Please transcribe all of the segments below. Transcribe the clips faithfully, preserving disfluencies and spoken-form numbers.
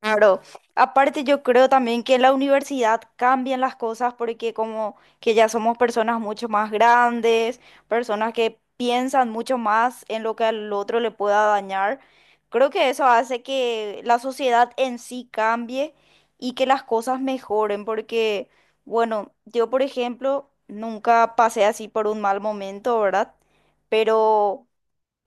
Claro, aparte yo creo también que en la universidad cambian las cosas porque como que ya somos personas mucho más grandes, personas que piensan mucho más en lo que al otro le pueda dañar. Creo que eso hace que la sociedad en sí cambie y que las cosas mejoren porque, bueno, yo por ejemplo nunca pasé así por un mal momento, ¿verdad? Pero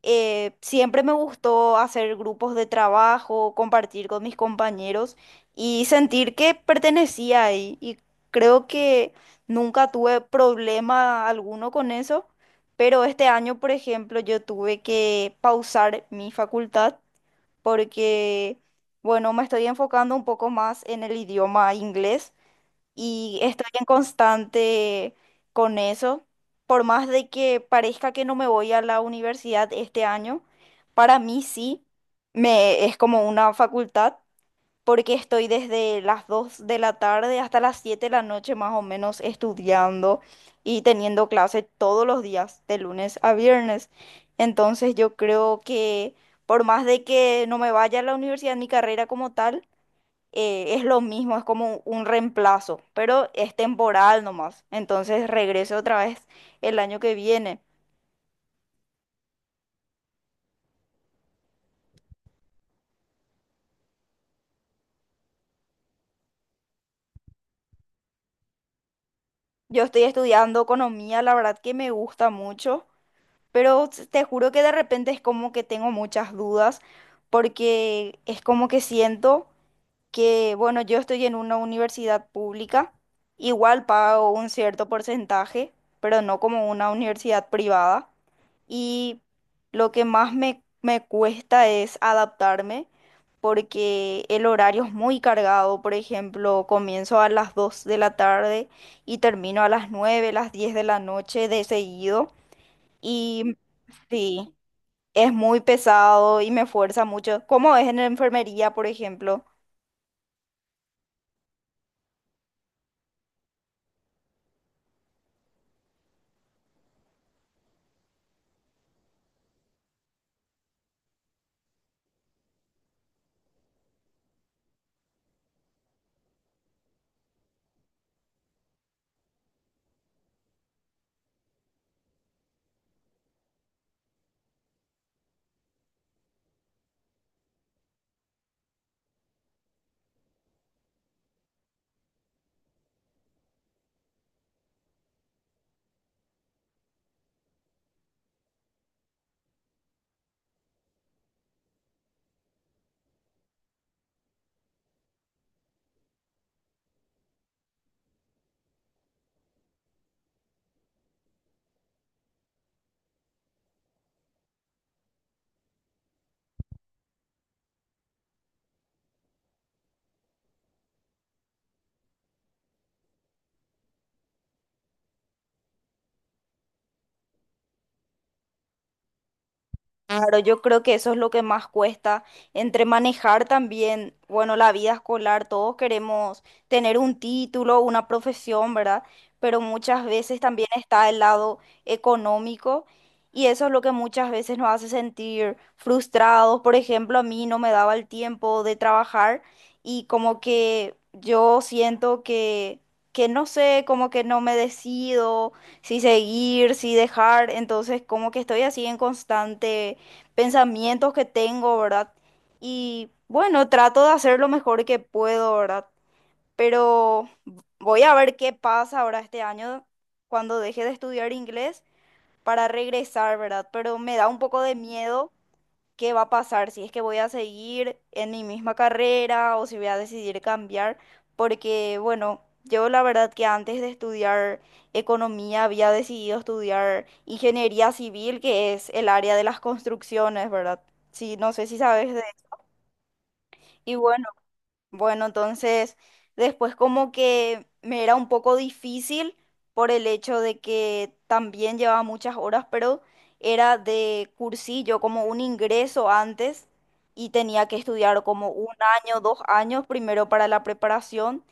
eh, siempre me gustó hacer grupos de trabajo, compartir con mis compañeros y sentir que pertenecía ahí. Y creo que nunca tuve problema alguno con eso, pero este año, por ejemplo, yo tuve que pausar mi facultad porque, bueno, me estoy enfocando un poco más en el idioma inglés y estoy en constante con eso. Por más de que parezca que no me voy a la universidad este año, para mí sí, me, es como una facultad, porque estoy desde las dos de la tarde hasta las siete de la noche más o menos estudiando y teniendo clase todos los días, de lunes a viernes. Entonces yo creo que por más de que no me vaya a la universidad, mi carrera como tal, eh, es lo mismo, es como un reemplazo, pero es temporal nomás. Entonces regreso otra vez el año que viene. Yo estoy estudiando economía, la verdad que me gusta mucho, pero s- te juro que de repente es como que tengo muchas dudas porque es como que siento que, bueno, yo estoy en una universidad pública, igual pago un cierto porcentaje, pero no como una universidad privada. Y lo que más me, me cuesta es adaptarme porque el horario es muy cargado. Por ejemplo, comienzo a las dos de la tarde y termino a las nueve las diez de la noche de seguido. Y sí, es muy pesado y me fuerza mucho. Como es en la enfermería, por ejemplo, claro, yo creo que eso es lo que más cuesta entre manejar también, bueno, la vida escolar. Todos queremos tener un título, una profesión, ¿verdad? Pero muchas veces también está el lado económico y eso es lo que muchas veces nos hace sentir frustrados. Por ejemplo, a mí no me daba el tiempo de trabajar y como que yo siento que, que no sé, como que no me decido si seguir, si dejar, entonces como que estoy así en constante pensamientos que tengo, ¿verdad? Y bueno, trato de hacer lo mejor que puedo, ¿verdad? Pero voy a ver qué pasa ahora este año cuando deje de estudiar inglés para regresar, ¿verdad? Pero me da un poco de miedo qué va a pasar, si es que voy a seguir en mi misma carrera o si voy a decidir cambiar, porque bueno, yo la verdad que antes de estudiar economía había decidido estudiar ingeniería civil, que es el área de las construcciones, ¿verdad? Sí, no sé si sabes de... Y bueno, bueno, entonces después como que me era un poco difícil por el hecho de que también llevaba muchas horas, pero era de cursillo, como un ingreso antes y tenía que estudiar como un año, dos años primero para la preparación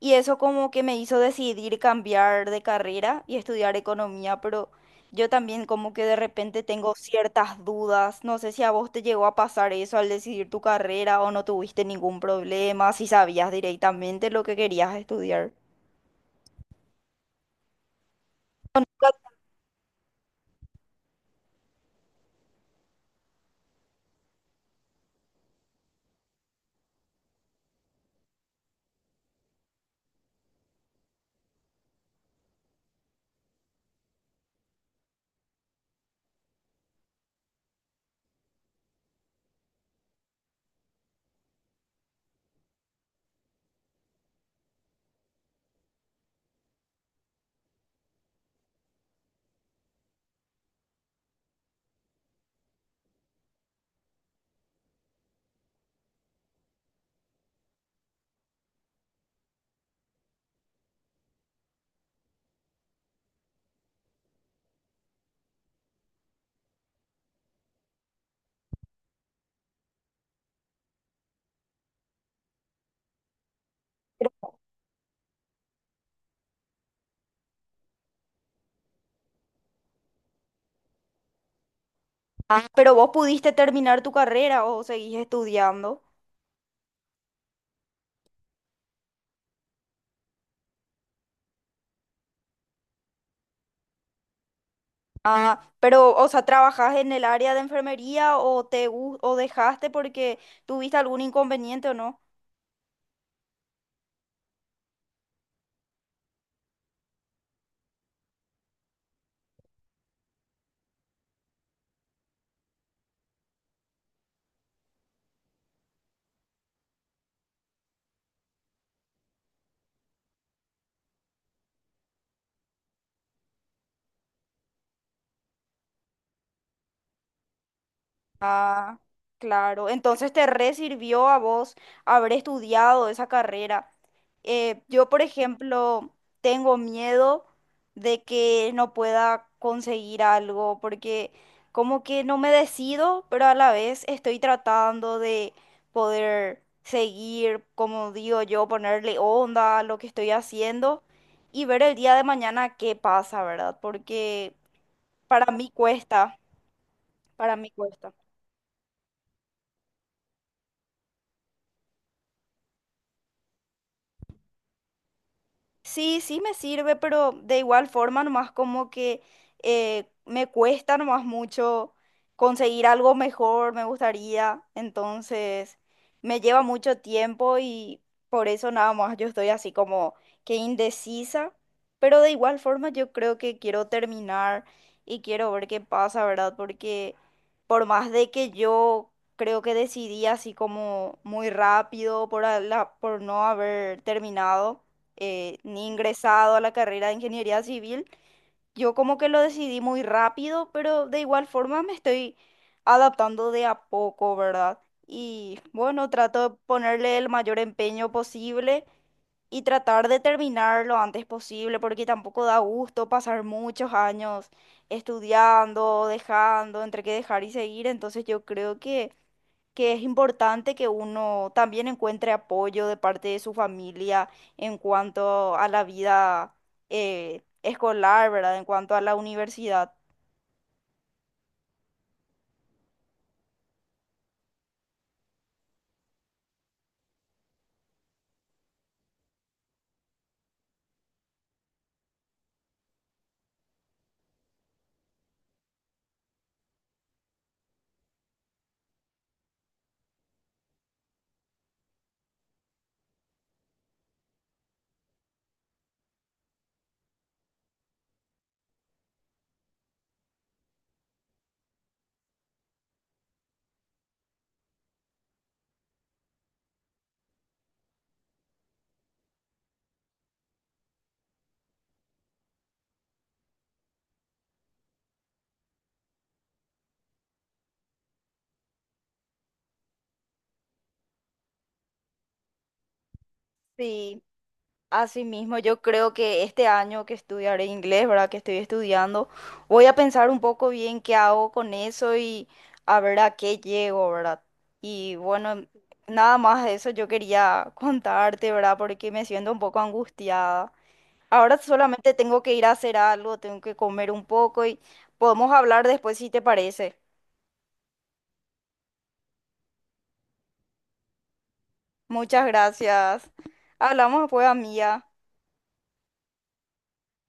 y eso como que me hizo decidir cambiar de carrera y estudiar economía, pero yo también como que de repente tengo ciertas dudas. No sé si a vos te llegó a pasar eso al decidir tu carrera o no tuviste ningún problema, si sabías directamente lo que querías estudiar. Ah, pero vos pudiste terminar tu carrera o seguís estudiando. Ah, pero, o sea, ¿trabajás en el área de enfermería o te gu- o dejaste porque tuviste algún inconveniente o no? Ah, claro. Entonces te re sirvió a vos haber estudiado esa carrera. Eh, yo, por ejemplo, tengo miedo de que no pueda conseguir algo porque como que no me decido, pero a la vez estoy tratando de poder seguir, como digo yo, ponerle onda a lo que estoy haciendo y ver el día de mañana qué pasa, ¿verdad? Porque para mí cuesta, para mí cuesta. Sí, sí me sirve, pero de igual forma nomás como que eh, me cuesta nomás mucho conseguir algo mejor, me gustaría, entonces me lleva mucho tiempo y por eso nada más yo estoy así como que indecisa, pero de igual forma yo creo que quiero terminar y quiero ver qué pasa, ¿verdad? Porque por más de que yo creo que decidí así como muy rápido por, a- la, por no haber terminado eh, ni ingresado a la carrera de ingeniería civil. Yo como que lo decidí muy rápido, pero de igual forma me estoy adaptando de a poco, ¿verdad? Y bueno, trato de ponerle el mayor empeño posible y tratar de terminar lo antes posible, porque tampoco da gusto pasar muchos años estudiando, dejando, entre que dejar y seguir. Entonces yo creo que que es importante que uno también encuentre apoyo de parte de su familia en cuanto a la vida eh, escolar, ¿verdad? En cuanto a la universidad. Sí, asimismo, yo creo que este año que estudiaré inglés, ¿verdad? Que estoy estudiando, voy a pensar un poco bien qué hago con eso y a ver a qué llego, ¿verdad? Y bueno, nada más de eso yo quería contarte, ¿verdad? Porque me siento un poco angustiada. Ahora solamente tengo que ir a hacer algo, tengo que comer un poco y podemos hablar después si te parece. Muchas gracias. Hablamos después, amiga.